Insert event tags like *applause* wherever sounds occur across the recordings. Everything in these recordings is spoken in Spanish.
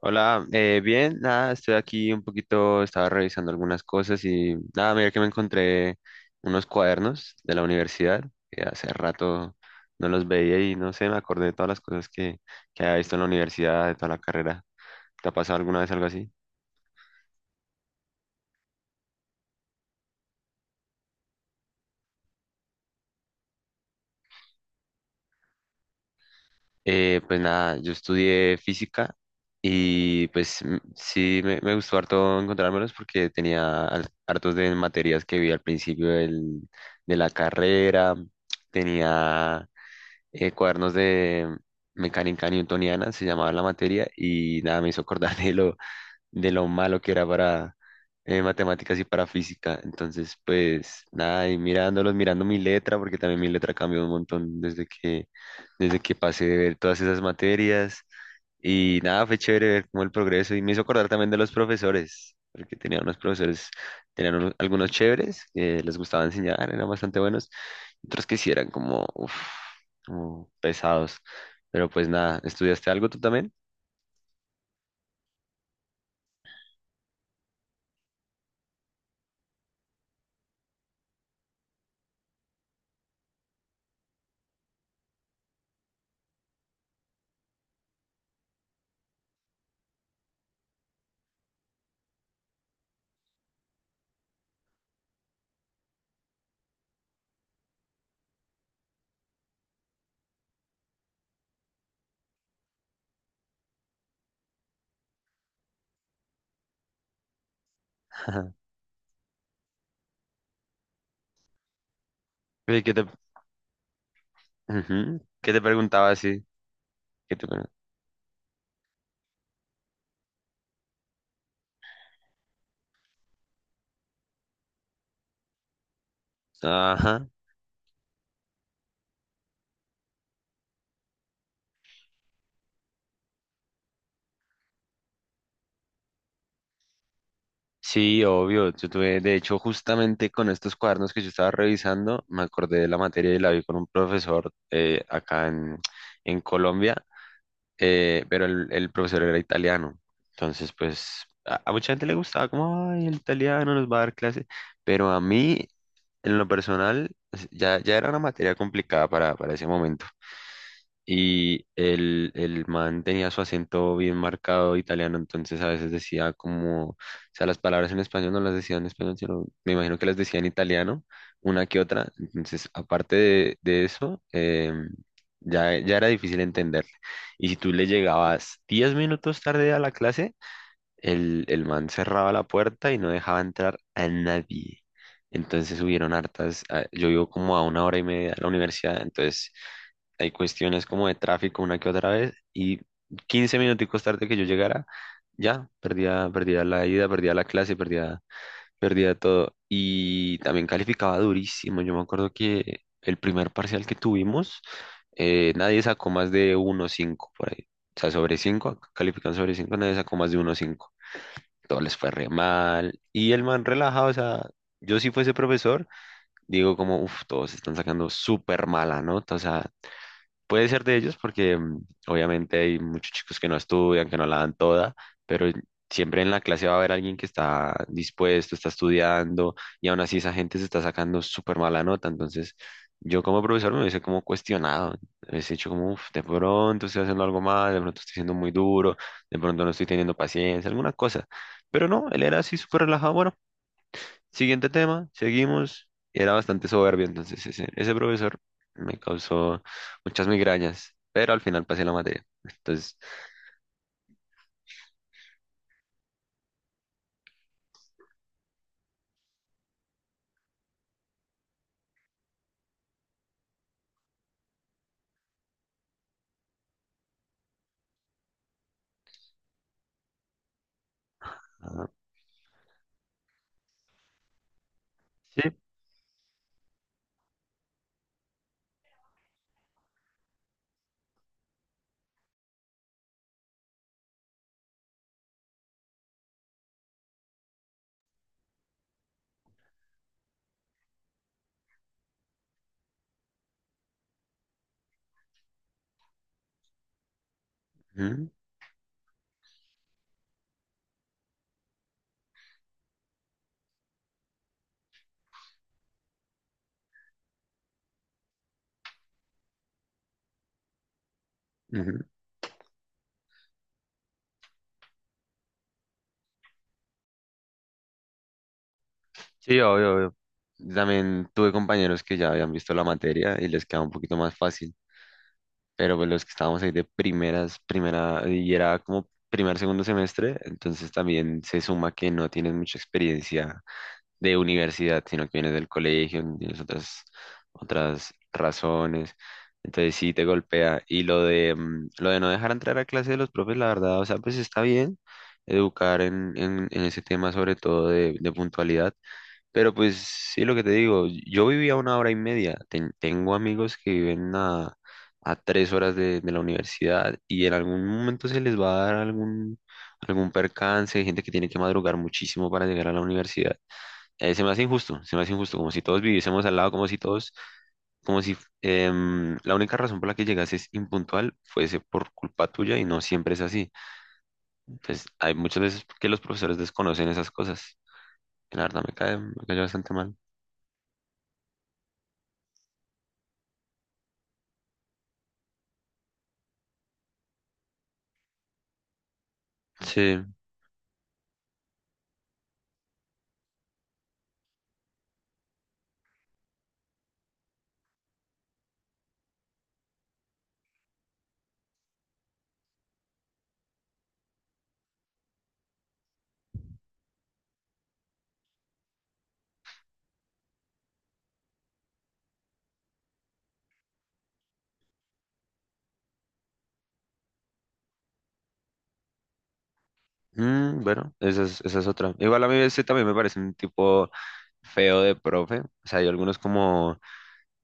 Hola, bien, nada, estoy aquí un poquito, estaba revisando algunas cosas y nada, mira que me encontré unos cuadernos de la universidad que hace rato no los veía y no sé, me acordé de todas las cosas que había visto en la universidad, de toda la carrera. ¿Te ha pasado alguna vez algo así? Pues nada, yo estudié física y pues sí me gustó harto encontrármelos porque tenía hartos de materias que vi al principio de la carrera, tenía cuadernos de mecánica newtoniana, se llamaba la materia, y nada, me hizo acordar *laughs* de lo malo que era para matemáticas y para física. Entonces, pues nada, y mirándolos, mirando mi letra, porque también mi letra cambió un montón desde que pasé de ver todas esas materias. Y nada, fue chévere ver como el progreso y me hizo acordar también de los profesores, porque tenía unos profesores, tenían algunos chéveres que les gustaba enseñar, eran bastante buenos, otros que sí eran como, uf, como pesados. Pero pues nada, ¿estudiaste algo tú también? *laughs* Oye, ujú, ¿qué te preguntaba así? ¿Qué te pregun- Ajá. Sí, obvio. Yo tuve, de hecho, justamente con estos cuadernos que yo estaba revisando, me acordé de la materia y la vi con un profesor acá en Colombia, pero el profesor era italiano. Entonces, pues a mucha gente le gustaba como, ay, el italiano nos va a dar clase, pero a mí, en lo personal, ya era una materia complicada para ese momento. Y el man tenía su acento bien marcado italiano, entonces a veces decía como, o sea, las palabras en español no las decía en español, sino me imagino que las decía en italiano, una que otra. Entonces, aparte de eso, ya era difícil entenderle. Y si tú le llegabas 10 minutos tarde a la clase, el man cerraba la puerta y no dejaba entrar a nadie. Entonces hubieron hartas, ah, yo vivo como a 1 hora y media a la universidad, entonces hay cuestiones como de tráfico una que otra vez, y 15 minuticos tarde que yo llegara, ya perdía la ida, perdía la clase, perdía todo. Y también calificaba durísimo. Yo me acuerdo que el primer parcial que tuvimos, nadie sacó más de 1,5 por ahí. O sea, sobre 5 califican, sobre cinco nadie sacó más de uno punto cinco. Todo les fue re mal. Y el man relajado, o sea, yo si fuese profesor, digo como, uff, todos están sacando súper mala nota. O sea, puede ser de ellos porque obviamente hay muchos chicos que no estudian, que no la dan toda, pero siempre en la clase va a haber alguien que está dispuesto, está estudiando, y aún así esa gente se está sacando súper mala nota. Entonces yo como profesor me hubiese como cuestionado, me hubiese dicho como, "Uf, de pronto estoy haciendo algo mal, de pronto estoy siendo muy duro, de pronto no estoy teniendo paciencia, alguna cosa." Pero no, él era así súper relajado, bueno, siguiente tema, seguimos. Y era bastante soberbio, entonces ese profesor me causó muchas migrañas, pero al final pasé la materia. Entonces, ah, sí, ujú, ujú. Sí, obvio, obvio. También tuve compañeros que ya habían visto la materia y les quedaba un poquito más fácil, pero pues los que estábamos ahí de primeras, primera, y era como primer, segundo semestre, entonces también se suma que no tienen mucha experiencia de universidad, sino que vienes del colegio, tienes otras razones. Entonces sí te golpea. Y lo de no dejar entrar a clase de los profes, la verdad, o sea, pues está bien educar en ese tema, sobre todo de puntualidad. Pero pues sí, lo que te digo, yo vivía 1 hora y media. Tengo amigos que viven a 3 horas de la universidad, y en algún momento se les va a dar algún, algún percance, hay gente que tiene que madrugar muchísimo para llegar a la universidad. Se me hace injusto, se me hace injusto, como si todos viviésemos al lado, como si todos, como si la única razón por la que llegases impuntual fuese por culpa tuya, y no siempre es así. Entonces, hay muchas veces que los profesores desconocen esas cosas. Y la verdad me cayó bastante mal. Sí. Mm, bueno, esa es otra. Igual a mí ese también me parece un tipo feo de profe. O sea, hay algunos como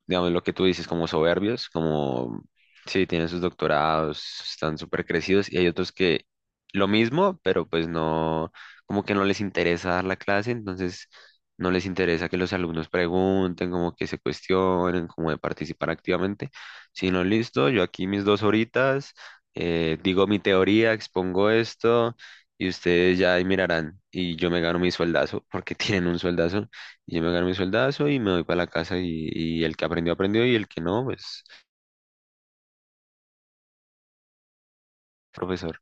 digamos, lo que tú dices, como soberbios, como, sí, tienen sus doctorados, están súper crecidos, y hay otros que lo mismo, pero pues no, como que no les interesa dar la clase, entonces no les interesa que los alumnos pregunten, como que se cuestionen, como de participar activamente, sino listo, yo aquí mis 2 horitas, digo mi teoría, expongo esto. Y ustedes ya ahí mirarán, y yo me gano mi sueldazo, porque *laughs* tienen un sueldazo, y yo me gano mi sueldazo y me voy para la casa, y el que aprendió, aprendió, y el que no, pues, profesor.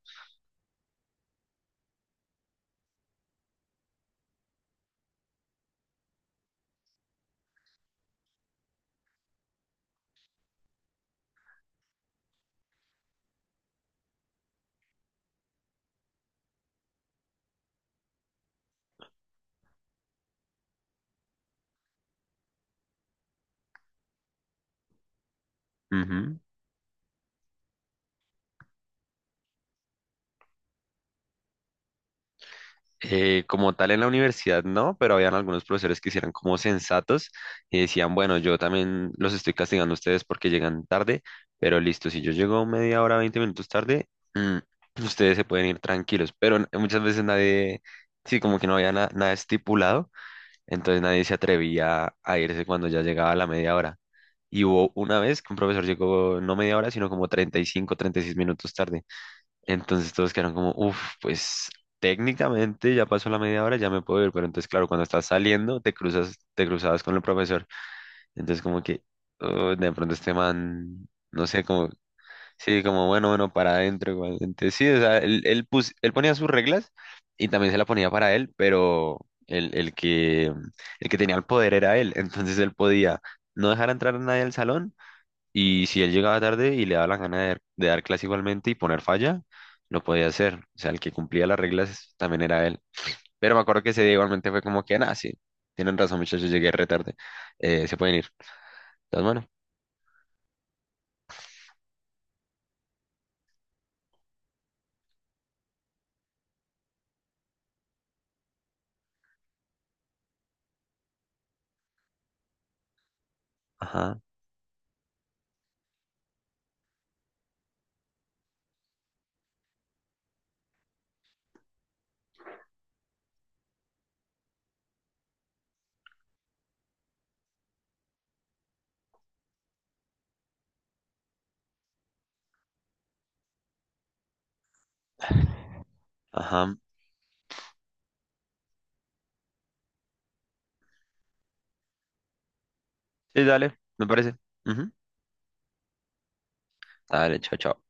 Ujú. Como tal en la universidad no, pero habían algunos profesores que sí eran como sensatos y decían, bueno, yo también los estoy castigando a ustedes porque llegan tarde, pero listo, si yo llego media hora, 20 minutos tarde, mm, ustedes se pueden ir tranquilos. Pero muchas veces nadie, sí, como que no había nada estipulado. Entonces nadie se atrevía a irse cuando ya llegaba la media hora. Y hubo una vez que un profesor llegó no media hora, sino como 30, 35, 36 minutos tarde. Entonces todos quedaron como, uff, pues técnicamente ya pasó la media hora, ya me puedo ir. Pero entonces, claro, cuando estás saliendo, te cruzabas con el profesor. Entonces como que, "Oh, de pronto este man, no sé, como..." Sí, como bueno, bueno, para adentro igualmente. Sí, o sea, él ponía sus reglas y también se la ponía para él, pero el, el que, el que tenía el poder era él. *laughs* Entonces él podía no dejar entrar a nadie al salón, y si él llegaba tarde y le daba la gana de dar clase igualmente y poner falla, lo podía hacer. O sea, el que cumplía las reglas también era él. Pero me acuerdo que ese día igualmente fue como que, nada, sí, tienen razón, muchachos, llegué re tarde. Se pueden ir. Entonces, bueno, ajá, ajá. Sí, dale, me parece. Ujú. Dale, chao, chao.